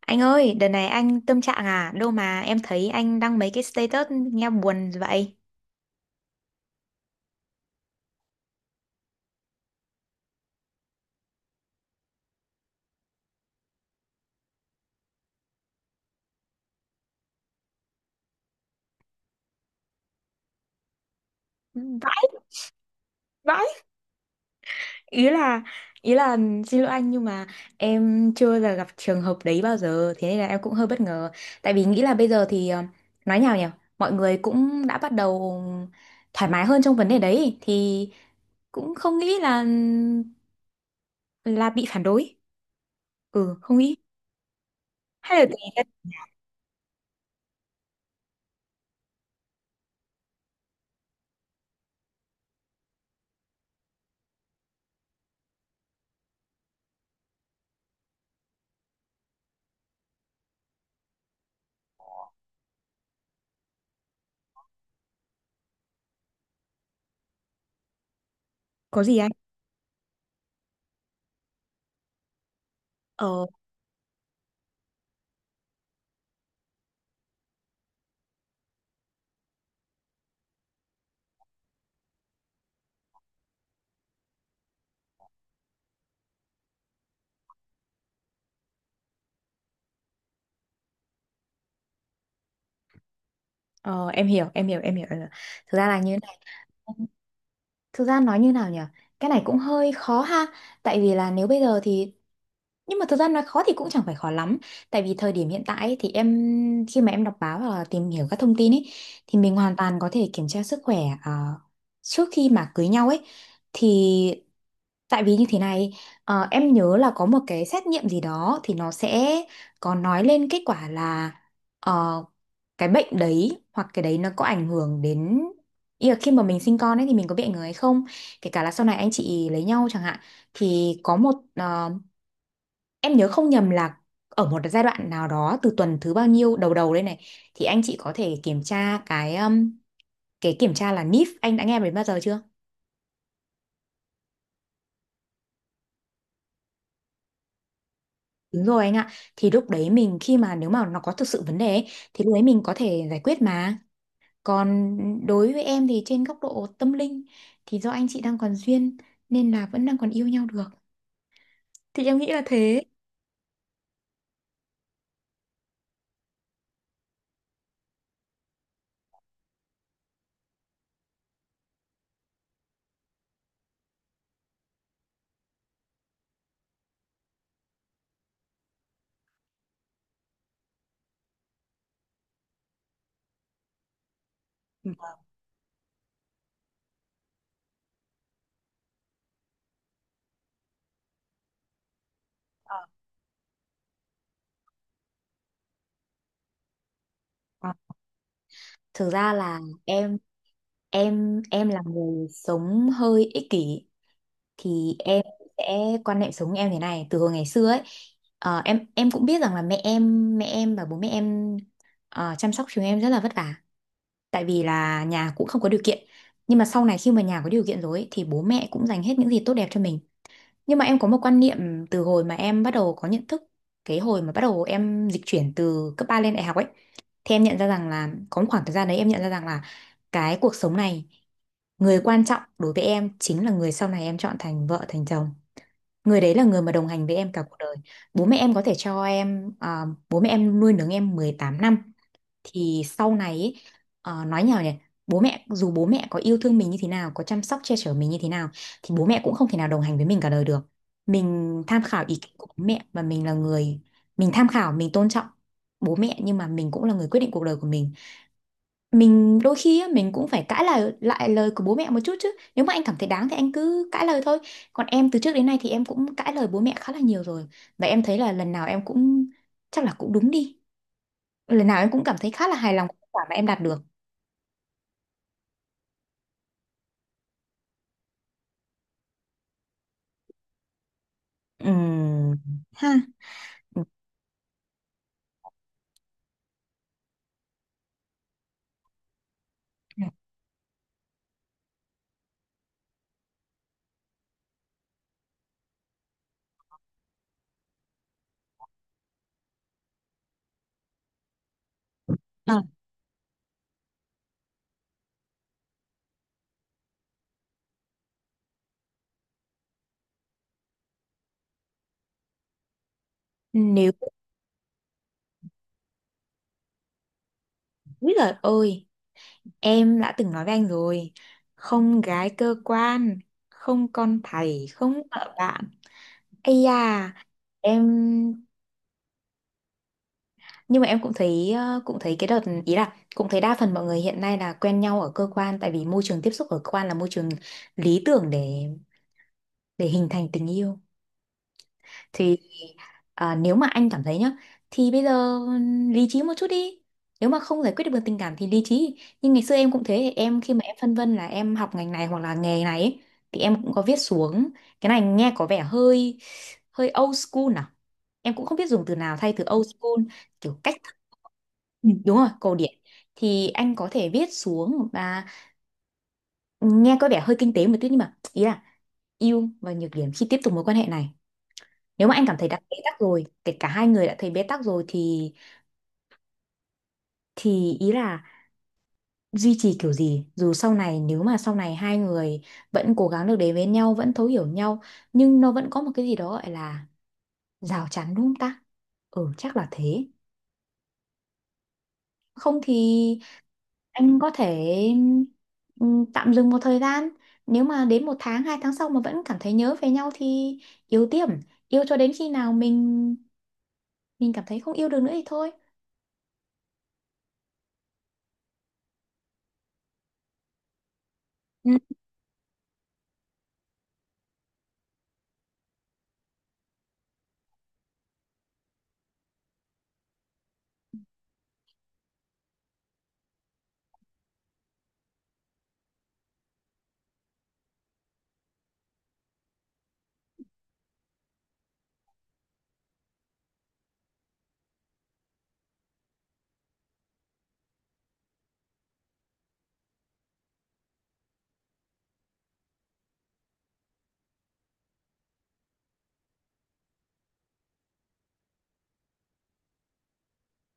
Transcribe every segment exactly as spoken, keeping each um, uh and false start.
Anh ơi, đợt này anh tâm trạng à? Đâu mà em thấy anh đăng mấy cái status nghe buồn vậy? Vãi. Vãi. Ý là ý là xin lỗi anh, nhưng mà em chưa là gặp trường hợp đấy bao giờ, thế nên là em cũng hơi bất ngờ. Tại vì nghĩ là bây giờ thì ờ, nói nhào nhỉ, mọi người cũng đã bắt đầu thoải mái hơn trong vấn đề đấy, thì cũng không nghĩ là là bị phản đối. Ừ, không nghĩ. Hay là tùy. Có gì. Anh. Ờ, em hiểu, em hiểu, em hiểu. em hiểu. Thực ra là như thế này. Thực ra nói như nào nhỉ? Cái này cũng hơi khó ha. Tại vì là nếu bây giờ thì nhưng mà thực ra nói khó thì cũng chẳng phải khó lắm. Tại vì thời điểm hiện tại ấy, thì em khi mà em đọc báo và tìm hiểu các thông tin ấy, thì mình hoàn toàn có thể kiểm tra sức khỏe ờ, trước khi mà cưới nhau ấy. Thì tại vì như thế này, ờ, em nhớ là có một cái xét nghiệm gì đó, thì nó sẽ có nói lên kết quả là ờ, cái bệnh đấy hoặc cái đấy nó có ảnh hưởng đến, ý là khi mà mình sinh con ấy thì mình có bị ảnh hưởng hay không, kể cả là sau này anh chị lấy nhau chẳng hạn, thì có một ờ, em nhớ không nhầm là ở một giai đoạn nào đó từ tuần thứ bao nhiêu đầu đầu đây này, thì anh chị có thể kiểm tra cái um, cái kiểm tra là en i ép, anh đã nghe đến bao giờ chưa? Đúng rồi anh ạ. Thì lúc đấy mình khi mà nếu mà nó có thực sự vấn đề ấy, thì lúc đấy mình có thể giải quyết mà. Còn đối với em thì trên góc độ tâm linh, thì do anh chị đang còn duyên nên là vẫn đang còn yêu nhau được. Thì em nghĩ là thế. Ờ, thực ra là em em em là người sống hơi ích kỷ, thì em sẽ quan niệm sống em thế này từ hồi ngày xưa ấy. Ờ, em em cũng biết rằng là mẹ em mẹ em và bố mẹ em ờ, chăm sóc chúng em rất là vất vả, tại vì là nhà cũng không có điều kiện, nhưng mà sau này khi mà nhà có điều kiện rồi ấy, thì bố mẹ cũng dành hết những gì tốt đẹp cho mình. Nhưng mà em có một quan niệm từ hồi mà em bắt đầu có nhận thức, cái hồi mà bắt đầu em dịch chuyển từ cấp ba lên đại học ấy, thì em nhận ra rằng là có một khoảng thời gian đấy em nhận ra rằng là cái cuộc sống này, người quan trọng đối với em chính là người sau này em chọn thành vợ thành chồng. Người đấy là người mà đồng hành với em cả cuộc đời. Bố mẹ em có thể cho em, à, bố mẹ em nuôi nấng em mười tám năm, thì sau này ý, ờ, nói nhỏ nhỉ, bố mẹ dù bố mẹ có yêu thương mình như thế nào, có chăm sóc che chở mình như thế nào, thì bố mẹ cũng không thể nào đồng hành với mình cả đời được. Mình tham khảo ý kiến của bố mẹ và mình là người, mình tham khảo mình tôn trọng bố mẹ, nhưng mà mình cũng là người quyết định cuộc đời của mình. Mình đôi khi á, mình cũng phải cãi lời lại lời của bố mẹ một chút, chứ nếu mà anh cảm thấy đáng thì anh cứ cãi lời thôi. Còn em từ trước đến nay thì em cũng cãi lời bố mẹ khá là nhiều rồi, và em thấy là lần nào em cũng chắc là cũng đúng đi, lần nào em cũng cảm thấy khá là hài lòng với kết quả mà em đạt được. Ừm, ha. Ừm. À, nếu úi giời ơi, em đã từng nói với anh rồi, không gái cơ quan, không con thầy, không vợ bạn. Ây da. Em. Nhưng mà em cũng thấy ờ, cũng thấy cái đợt, ý là cũng thấy đa phần mọi người hiện nay là quen nhau ở cơ quan, tại vì môi trường tiếp xúc ở cơ quan là môi trường lý tưởng để để hình thành tình yêu. Thì à, nếu mà anh cảm thấy nhá, thì bây giờ lý trí một chút đi, nếu mà không giải quyết được bằng tình cảm thì lý trí. Nhưng ngày xưa em cũng thế, em khi mà em phân vân là em học ngành này hoặc là nghề này ấy, thì em cũng có viết xuống. Cái này nghe có vẻ hơi hơi old school à, em cũng không biết dùng từ nào thay từ old school, kiểu cách thức. Ừ, đúng rồi, cổ điển. Thì anh có thể viết xuống và nghe có vẻ hơi kinh tế một tí, nhưng mà ý là ưu và nhược điểm khi tiếp tục mối quan hệ này. Nếu mà anh cảm thấy đã bế tắc rồi, kể cả hai người đã thấy bế tắc rồi, thì thì ý là duy trì kiểu gì, dù sau này nếu mà sau này hai người vẫn cố gắng được đến với nhau, vẫn thấu hiểu nhau, nhưng nó vẫn có một cái gì đó gọi là rào chắn, đúng không ta? Ừ, chắc là thế. Không thì anh có thể ừm, tạm dừng một thời gian, nếu mà đến một tháng hai tháng sau mà vẫn cảm thấy nhớ về nhau thì yêu tiếp, yêu cho đến khi nào mình mình cảm thấy không yêu được nữa thì thôi. Ừ.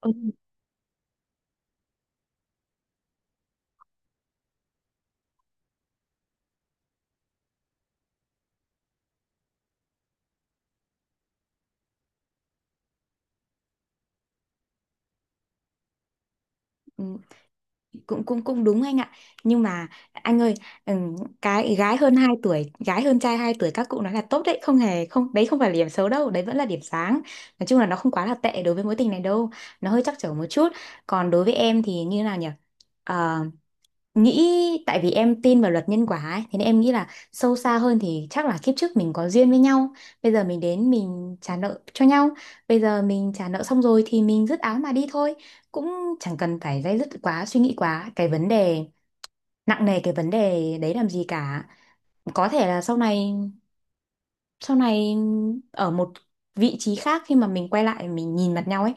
Ừ. Ừ. Cũng cũng cũng đúng anh ạ, nhưng mà anh ơi, ừm, cái gái hơn hai tuổi, gái hơn trai hai tuổi các cụ nói là tốt đấy, không hề không đấy, không phải là điểm xấu đâu đấy, vẫn là điểm sáng. Nói chung là nó không quá là tệ đối với mối tình này đâu, nó hơi trắc trở một chút. Còn đối với em thì như nào nhỉ. Ờ, nghĩ, tại vì em tin vào luật nhân quả ấy, thế nên em nghĩ là sâu xa hơn thì chắc là kiếp trước mình có duyên với nhau, bây giờ mình đến mình trả nợ cho nhau, bây giờ mình trả nợ xong rồi thì mình dứt áo mà đi thôi, cũng chẳng cần phải day dứt quá, suy nghĩ quá cái vấn đề nặng nề cái vấn đề đấy làm gì cả. Có thể là sau này sau này ở một vị trí khác, khi mà mình quay lại mình nhìn mặt nhau ấy,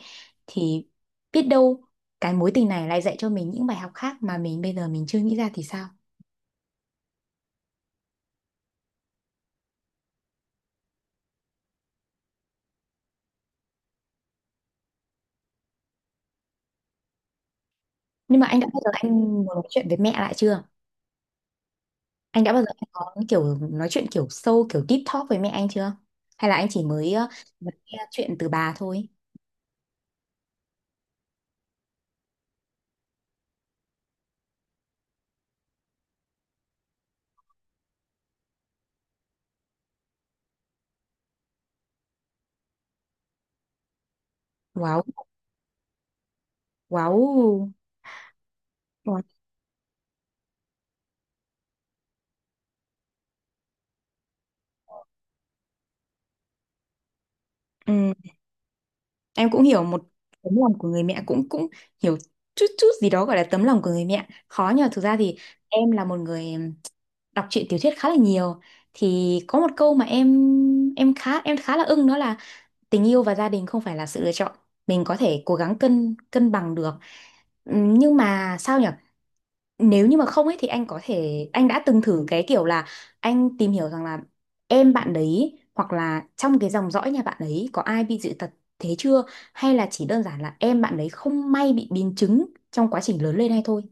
thì biết đâu cái mối tình này lại dạy cho mình những bài học khác mà mình bây giờ mình chưa nghĩ ra thì sao. Nhưng mà anh đã bao giờ anh muốn nói chuyện với mẹ lại chưa? Anh đã bao giờ anh có kiểu nói chuyện kiểu sâu, kiểu deep talk với mẹ anh chưa? Hay là anh chỉ mới, ờ, mới nghe chuyện từ bà thôi? Wow, wow. Wow. Ừ. Em cũng hiểu một tấm lòng của người mẹ, cũng cũng hiểu chút chút gì đó gọi là tấm lòng của người mẹ. Khó nhờ, thực ra thì em là một người đọc truyện tiểu thuyết khá là nhiều, thì có một câu mà em em khá em khá là ưng, đó là tình yêu và gia đình không phải là sự lựa chọn, mình có thể cố gắng cân cân bằng được. Ừm, nhưng mà sao nhỉ, nếu như mà không ấy thì anh có thể anh đã từng thử cái kiểu là anh tìm hiểu rằng là em bạn đấy hoặc là trong cái dòng dõi nhà bạn ấy có ai bị dị tật thế chưa, hay là chỉ đơn giản là em bạn đấy không may bị biến chứng trong quá trình lớn lên hay thôi.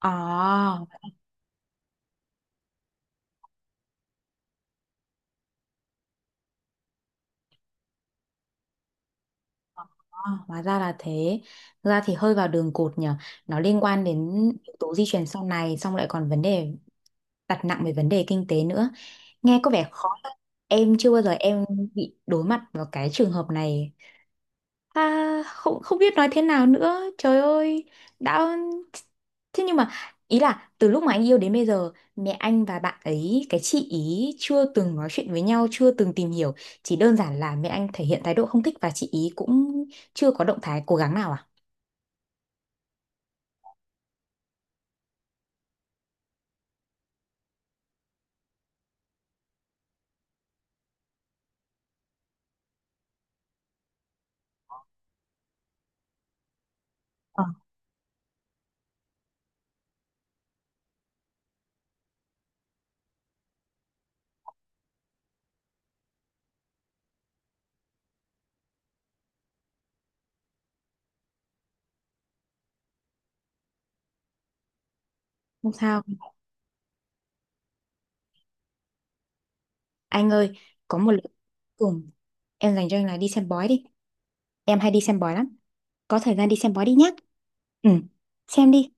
À, à, hóa ra là thế. Thực ra thì hơi vào đường cụt nhỉ. Nó liên quan đến yếu tố di truyền sau này, xong lại còn vấn đề đặt nặng về vấn đề kinh tế nữa, nghe có vẻ khó thật. Em chưa bao giờ em bị đối mặt vào cái trường hợp này. À, không không biết nói thế nào nữa trời ơi. Đã thế, nhưng mà ý là từ lúc mà anh yêu đến bây giờ, mẹ anh và bạn ấy cái chị ý chưa từng nói chuyện với nhau, chưa từng tìm hiểu, chỉ đơn giản là mẹ anh thể hiện thái độ không thích và chị ý cũng chưa có động thái cố gắng nào à? Ờ, không sao. Anh ơi, có một lần cuối cùng em dành cho anh là đi xem bói đi, em hay đi xem bói lắm. Có thời gian đi xem bói đi nhá. Ừ. Xem đi.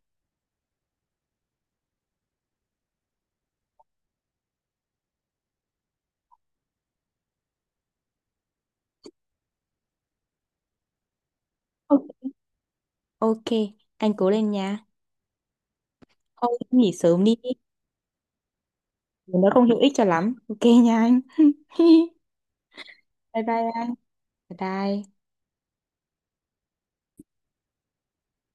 Ok, ok, anh cố lên nha. Thôi nghỉ sớm đi, nó không hữu ích cho lắm. Ok nha anh. Bye bye anh. Bye bye.